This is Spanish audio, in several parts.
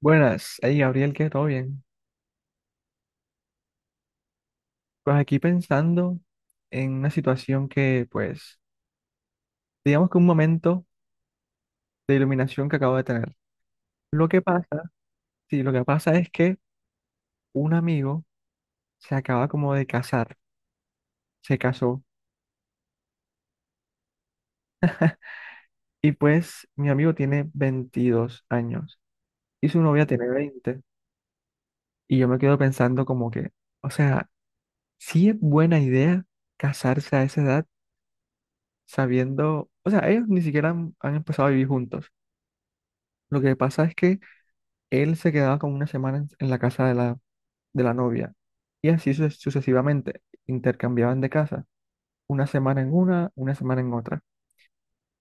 Buenas, hey Gabriel, ¿qué? ¿Todo bien? Pues aquí pensando en una situación que, pues, digamos que un momento de iluminación que acabo de tener. Lo que pasa, sí, lo que pasa es que un amigo se acaba como de casar, se casó, y pues mi amigo tiene 22 años y su novia tiene veinte. Y yo me quedo pensando como que, o sea, sí es buena idea casarse a esa edad sabiendo, o sea, ellos ni siquiera han empezado a vivir juntos. Lo que pasa es que él se quedaba como una semana en la casa de la novia y así sucesivamente intercambiaban de casa, una semana en otra.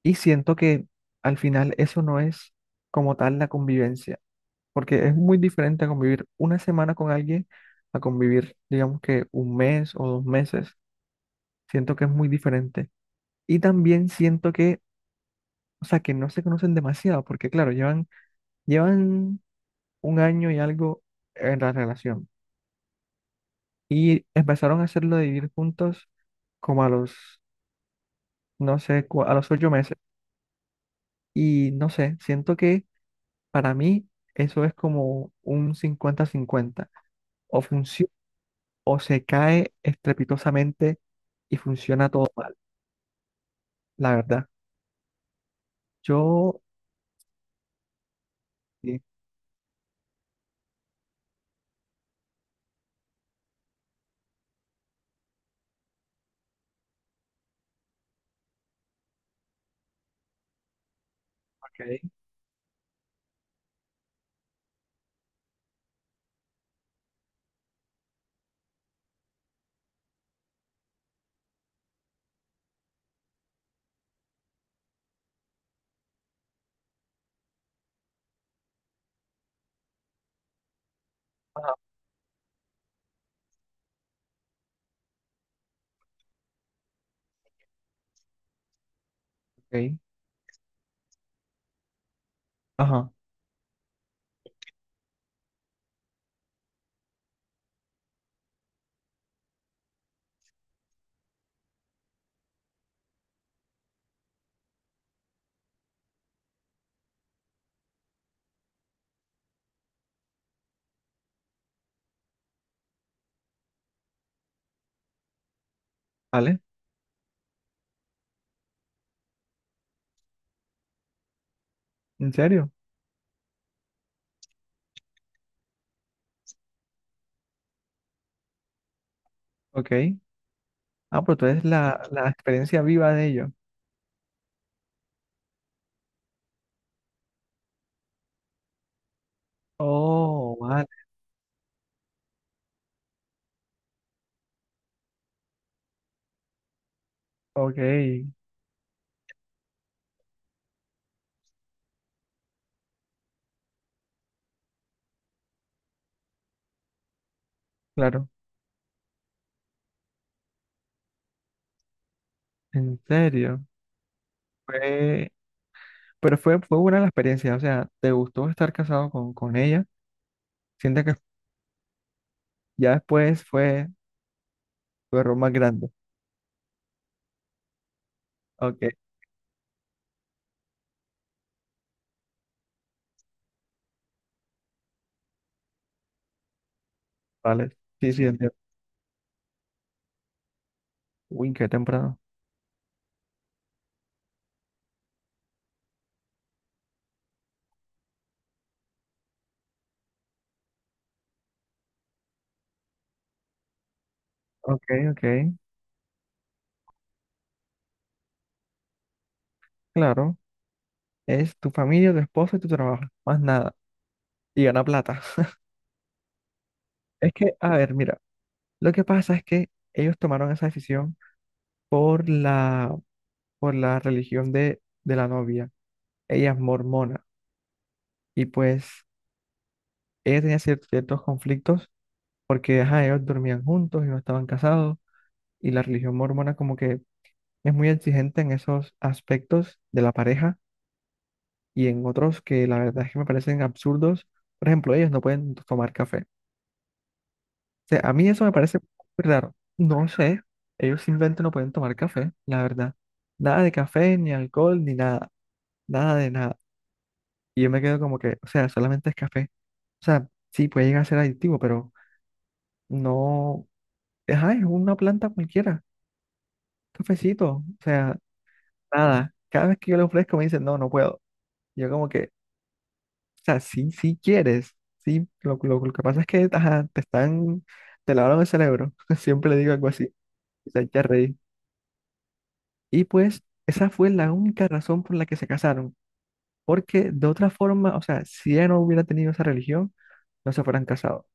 Y siento que al final eso no es como tal la convivencia, porque es muy diferente a convivir una semana con alguien a convivir, digamos que un mes o dos meses. Siento que es muy diferente. Y también siento que, o sea, que no se conocen demasiado, porque claro, llevan, llevan un año y algo en la relación. Y empezaron a hacerlo de vivir juntos como a los, no sé, a los ocho meses. Y no sé, siento que para mí eso es como un cincuenta-cincuenta. O funciona o se cae estrepitosamente y funciona todo mal, la verdad. Yo, sí, ok, ajá, ok, ajá, ¿vale? ¿En serio? Ok. Ah, pues tú eres la, la experiencia viva de ello. Oh, vale, ok, claro. ¿En serio? Fue, pero fue, fue buena la experiencia, o sea, te gustó estar casado con ella. Siente que ya después fue tu error más grande. Ok, vale. Sí, sí, entiendo. Uy, qué temprano. Ok, ok, claro. Es tu familia, tu esposo y tu trabajo, más nada. Y gana plata. Es que, a ver, mira, lo que pasa es que ellos tomaron esa decisión por la, por la religión de la novia. Ella es mormona y pues ella tenía ciertos conflictos porque ajá, ellos dormían juntos y no estaban casados y la religión mormona como que es muy exigente en esos aspectos de la pareja y en otros que la verdad es que me parecen absurdos. Por ejemplo, ellos no pueden tomar café. O sea, a mí eso me parece muy raro. No sé, ellos simplemente no pueden tomar café, la verdad. Nada de café, ni alcohol, ni nada, nada de nada. Y yo me quedo como que, o sea, solamente es café. O sea, sí, puede llegar a ser adictivo, pero no, ajá, es una planta cualquiera, cafecito, o sea, nada. Cada vez que yo le ofrezco me dicen, no, no puedo. Yo como que, o sea, sí, sí quieres. Sí, lo que pasa es que ajá, te están, te lavaron el cerebro. Siempre le digo algo así. Y se echa a reír. Y pues, esa fue la única razón por la que se casaron. Porque de otra forma, o sea, si ella no hubiera tenido esa religión, no se fueran casado,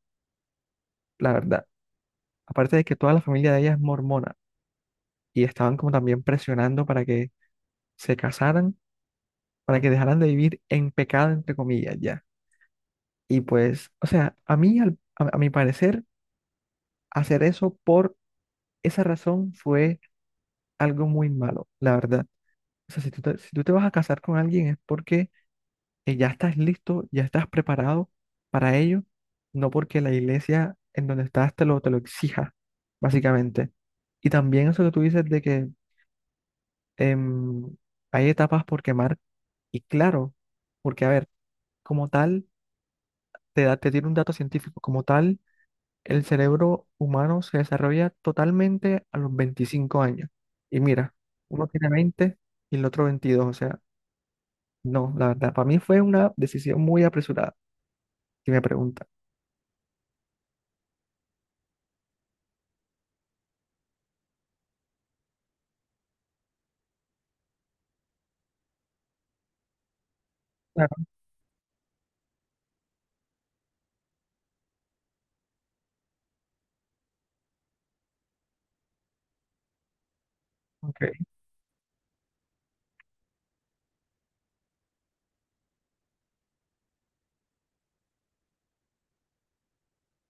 la verdad. Aparte de que toda la familia de ella es mormona. Y estaban como también presionando para que se casaran, para que dejaran de vivir en pecado, entre comillas, ya. Y pues, o sea, a mí, a mi parecer, hacer eso por esa razón fue algo muy malo, la verdad. O sea, si tú te, si tú te vas a casar con alguien es porque ya estás listo, ya estás preparado para ello, no porque la iglesia en donde estás te lo exija, básicamente. Y también eso que tú dices de que em, hay etapas por quemar, y claro, porque a ver, como tal, te da, te tiene un dato científico, como tal. El cerebro humano se desarrolla totalmente a los 25 años. Y mira, uno tiene 20 y el otro 22. O sea, no, la verdad, para mí fue una decisión muy apresurada, si me preguntan. Claro, ok.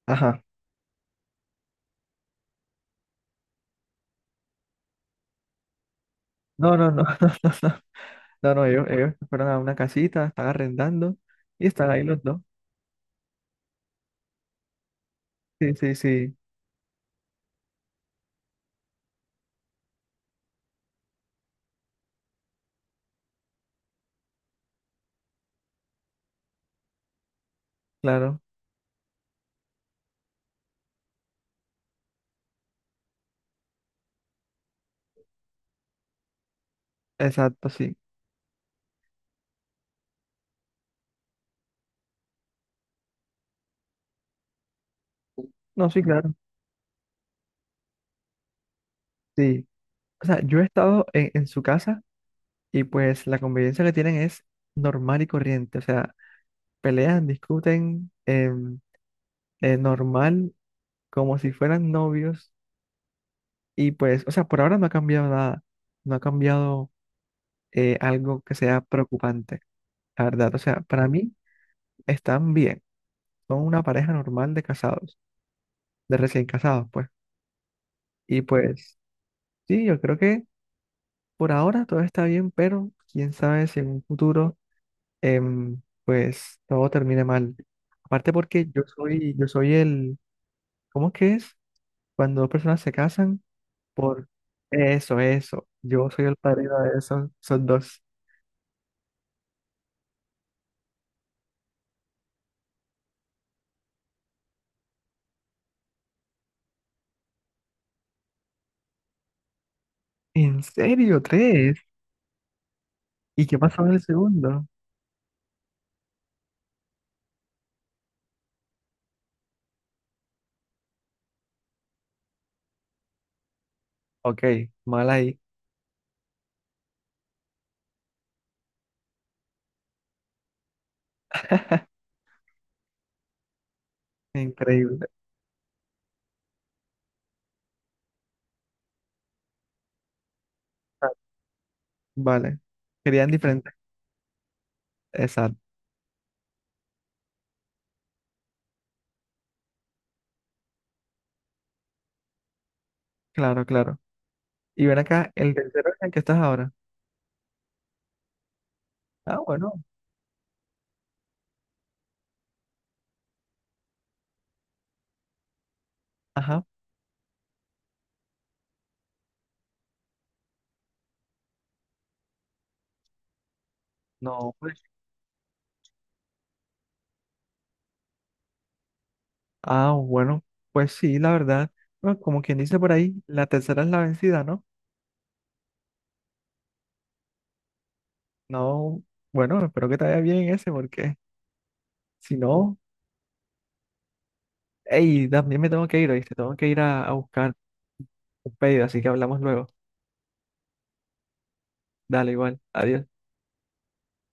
Ajá. No, no, no, no, no, no, no, no, ellos fueron a una casita, están arrendando y están ahí los dos. Sí, sí, sí, claro, exacto, sí. No, sí, claro, sí. O sea, yo he estado en su casa y pues la convivencia que tienen es normal y corriente. O sea, pelean, discuten normal, como si fueran novios. Y pues, o sea, por ahora no ha cambiado nada, no ha cambiado algo que sea preocupante, la verdad. O sea, para mí están bien, son una pareja normal de casados, de recién casados, pues. Y pues, sí, yo creo que por ahora todo está bien, pero quién sabe si en un futuro, pues, todo termine mal. Aparte porque yo soy el, ¿cómo es que es? Cuando dos personas se casan. Por eso, eso. Yo soy el padrino de esos, son dos. ¿En serio? ¿Tres? ¿Y qué pasó en el segundo? Ok, mal ahí. Increíble. Ah, vale. Querían diferentes. Exacto. Claro, claro. Y ven acá, el tercero es el que estás ahora. Ah, bueno. Ajá. No, pues. Ah, bueno. Pues sí, la verdad. Bueno, como quien dice por ahí, la tercera es la vencida, ¿no? No. Bueno, espero que te vaya bien ese, porque si no. Ey, también me tengo que ir, ¿oíste? Tengo que ir a buscar. Un pedido, así que hablamos luego. Dale, igual. Adiós.